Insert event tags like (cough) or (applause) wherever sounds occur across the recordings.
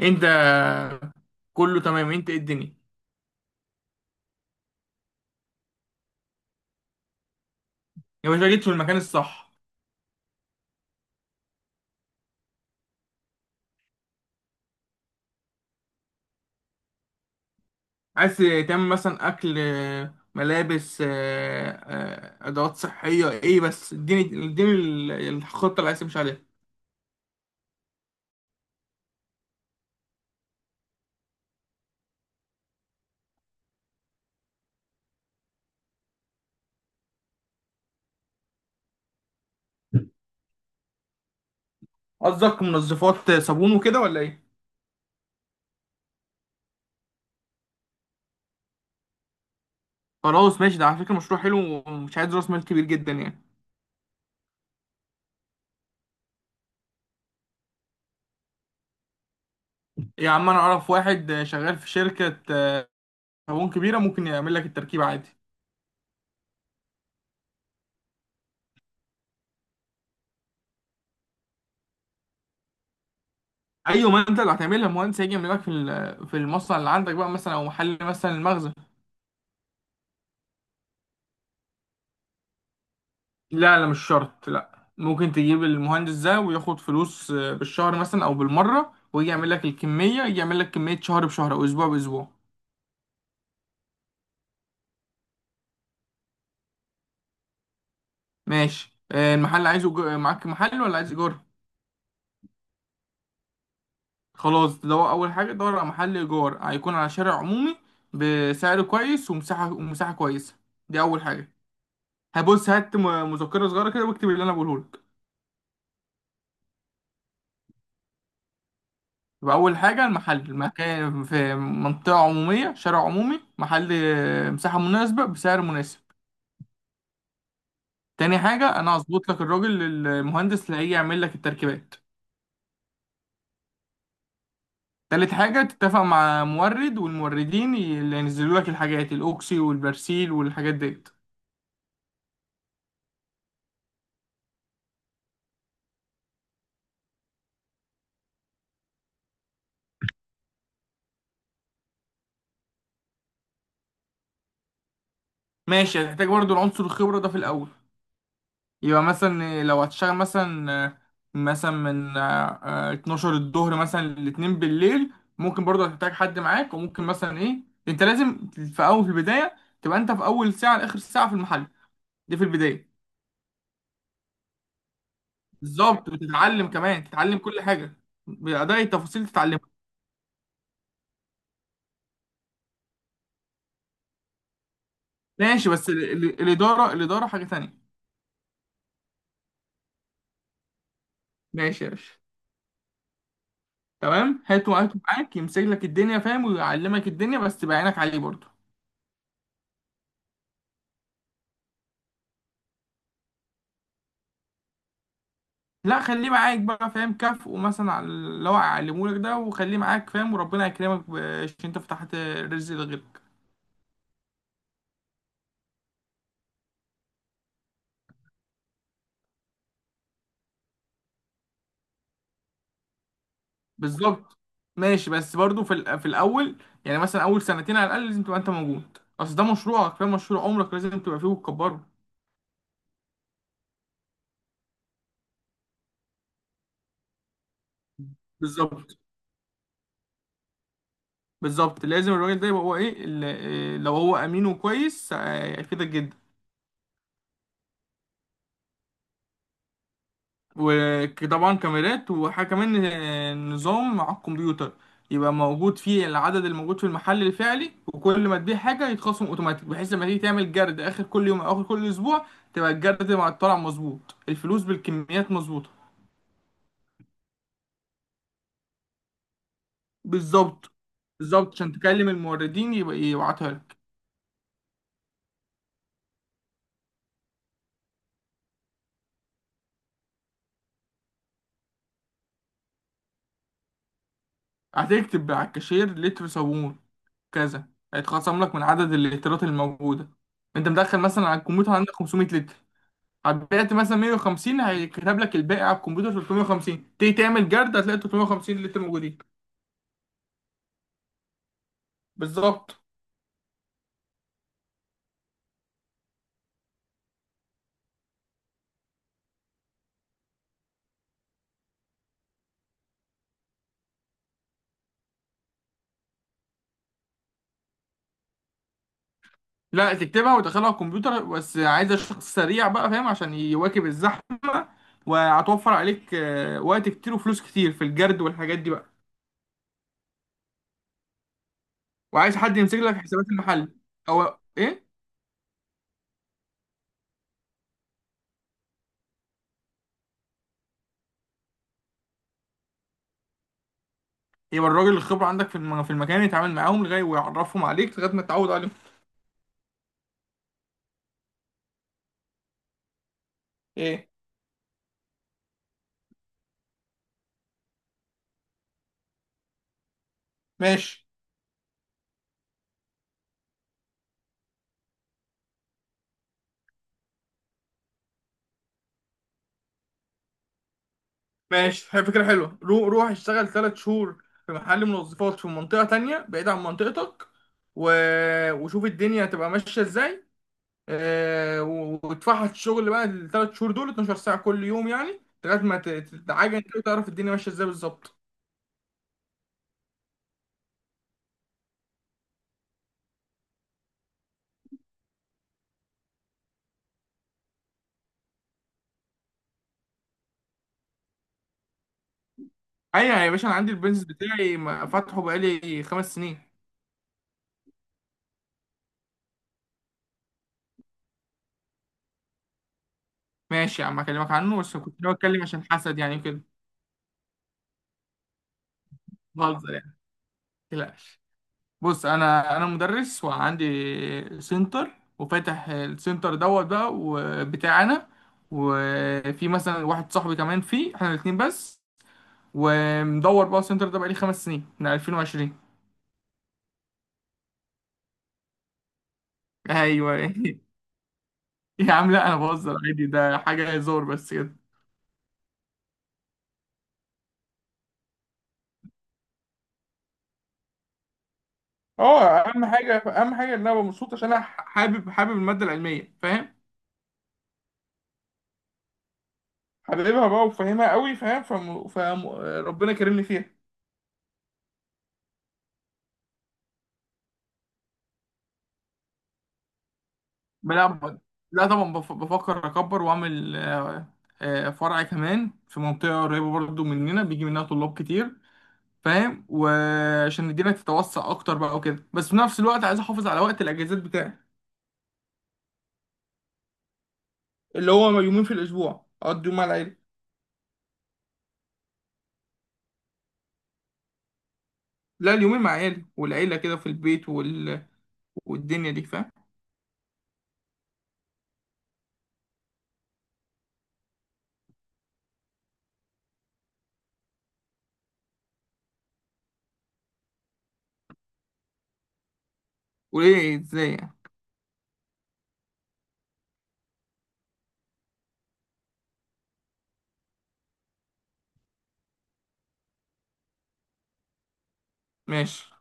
انت؟ كله تمام، انت ايه الدنيا؟ يا باشا جيت في المكان الصح. عايز تعمل مثلا اكل، ملابس، ادوات صحيه، ايه بس اديني اديني الخطه اللي عايز تمشي عليها. قصدك منظفات، صابون وكده ولا ايه؟ خلاص ماشي، ده على فكره مشروع حلو، ومش عايز راس مال كبير جدا يعني. يا عم انا اعرف واحد، شغال في شركه صابون كبيره، ممكن يعمل لك التركيب عادي. ايوه، ما انت اللي هتعملها، المهندس هيجي يعمل لك في المصنع اللي عندك بقى، مثلا او محل مثلا المخزن. لا لا مش شرط، لا ممكن تجيب المهندس ده وياخد فلوس، بالشهر مثلا او بالمره، ويجي يعمل لك الكميه، يجي يعمل لك كميه شهر بشهر او اسبوع باسبوع. ماشي، المحل عايزه، معاك محل ولا عايز ايجار؟ خلاص تدور، اول حاجه دور على محل ايجار، هيكون على شارع عمومي بسعر كويس، ومساحه كويسه، دي اول حاجه. هبص، هات مذكره صغيره كده واكتب اللي انا بقوله لك. يبقى اول حاجه المحل، المكان في منطقه عموميه، شارع عمومي، محل، مساحه مناسبه بسعر مناسب. تاني حاجة، أنا هظبط لك الراجل المهندس اللي هيجي يعمل لك التركيبات. تالت حاجة، تتفق مع مورد والموردين، اللي ينزلوا لك الحاجات، الأوكسي والبرسيل والحاجات ديت. ماشي، هتحتاج برضو العنصر الخبرة ده في الأول، يبقى مثلا لو هتشتغل مثلا من 12 الظهر مثلا لاتنين بالليل، ممكن برضو هتحتاج حد معاك. وممكن مثلا إيه، أنت لازم في أول في البداية تبقى أنت في أول ساعة لآخر ساعة في المحل، دي في البداية. بالظبط، بتتعلم كمان، تتعلم كل حاجه، بأداء التفاصيل تتعلمها. ماشي بس ال الاداره الاداره حاجه تانية. ماشي يا باشا. تمام، هاته هاته معاك، يمسك لك الدنيا فاهم، ويعلمك الدنيا، بس تبقى عينك عليه برضه. لا، خليه معاك بقى فاهم، كافئه مثلا على اللي هو علمه لك ده، وخليه معاك فاهم، وربنا يكرمك عشان انت فتحت رزق لغيرك. بالظبط. ماشي بس برضه في الاول، يعني مثلا اول سنتين على الاقل لازم تبقى انت موجود، اصل ده مشروعك فاهم، مشروع عمرك لازم تبقى فيه وتكبره. بالظبط. بالظبط لازم الراجل ده يبقى هو ايه، لو هو امين وكويس، هيفيدك جدا. وطبعا كاميرات، وحاجه كمان، نظام على الكمبيوتر، يبقى موجود فيه العدد الموجود في المحل الفعلي، وكل ما تبيع حاجه يتخصم اوتوماتيك، بحيث لما تيجي تعمل جرد اخر كل يوم او اخر كل اسبوع، تبقى الجرد مع الطلع مظبوط، الفلوس بالكميات مظبوطه. بالظبط بالظبط، عشان تكلم الموردين يبقى يبعتها لك. هتكتب على الكاشير لتر صابون كذا، هيتخصم لك من عدد اللترات الموجودة. انت مدخل مثلا على الكمبيوتر عندك 500 لتر، بعت مثلا 150 هيكتب لك الباقي على الكمبيوتر 350، تيجي تعمل جرد هتلاقي 350 لتر موجودين. بالظبط. لا تكتبها وتدخلها على الكمبيوتر، بس عايزة شخص سريع بقى فاهم عشان يواكب الزحمة، وهتوفر عليك وقت كتير وفلوس كتير في الجرد والحاجات دي بقى. وعايز حد يمسك لك حسابات المحل او ايه؟ يبقى الراجل الخبرة عندك في المكان، يتعامل معاهم لغاية ويعرفهم عليك لغاية ما تتعود عليهم. ايه؟ ماشي. ماشي، هي فكرة حلوة، روح اشتغل ثلاث شهور في محل منظفات في منطقة تانية بعيد عن منطقتك، و... وشوف الدنيا هتبقى ماشية ازاي. وتفحط الشغل بقى الثلاث شهور دول 12 ساعة كل يوم، يعني لغاية ما تتعجن كده وتعرف الدنيا ماشية ازاي بالظبط. ايوه يا باشا، انا عندي البيزنس بتاعي، فاتحه بقالي 5 سنين. ماشي يا عم، اكلمك عنه بس كنت ناوي اتكلم عشان حسد يعني كده. بهزر يعني، متقلقش. بص، انا مدرس وعندي سنتر، وفاتح السنتر دوت بقى وبتاعنا، وفي مثلا واحد صاحبي كمان فيه، احنا الاتنين بس، ومدور بقى السنتر ده بقالي 5 سنين من 2020. ايوه (laughs) يا عم لا انا بهزر عادي، ده حاجه هزار بس كده. اه، اهم حاجه اهم حاجه ان انا أبقى مبسوط، عشان انا حابب حابب الماده العلميه فاهم، حاببها بقى وفاهمها قوي فاهم، ربنا كرمني فيها. لا. لا طبعا، بفكر اكبر واعمل، فرع كمان في منطقه قريبه برضو مننا بيجي منها طلاب كتير فاهم، وعشان الدنيا تتوسع اكتر بقى وكده، بس في نفس الوقت عايز احافظ على وقت الاجازات بتاعي. اللي هو، يومين في الاسبوع اقضي يوم مع العيله. لا، اليومين مع عيالي والعيله كده في البيت، والدنيا دي فاهم. وليه ازاي يعني؟ ماشي.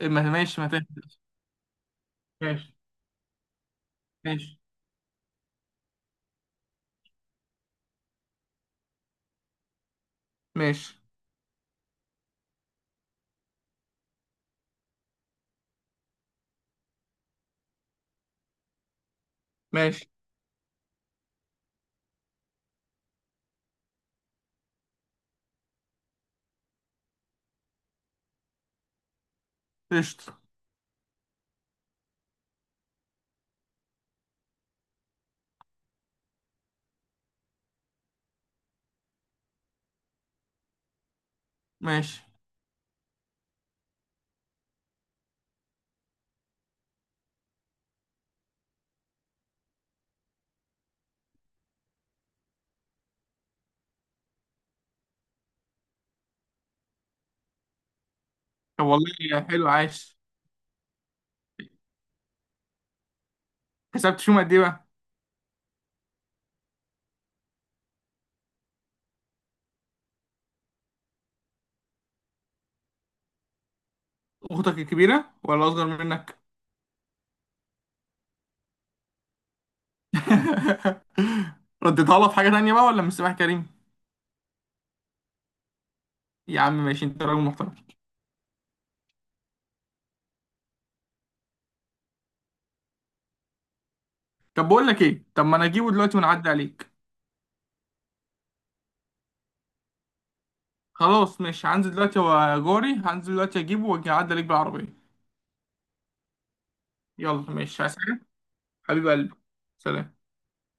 إيه، ماشي ما تهدى. ماشي ماشي ماشي ماشي. قشطة. ماشي. طب والله حلو، عايش. كسبت شو قد ايه بقى؟ اختك الكبيرة ولا اصغر منك؟ (laughs) رديتها لها في حاجة تانية بقى ولا من سامح كريم؟ يا عم ماشي، انت راجل محترم. طب بقول لك ايه، طب ما انا اجيبه دلوقتي ونعدي عليك. خلاص ماشي، هنزل دلوقتي وجاري، هنزل دلوقتي اجيبه واجي اعدي عليك بالعربية. يلا ماشي، عايز حاجة؟ حبيب قلبي. سلام.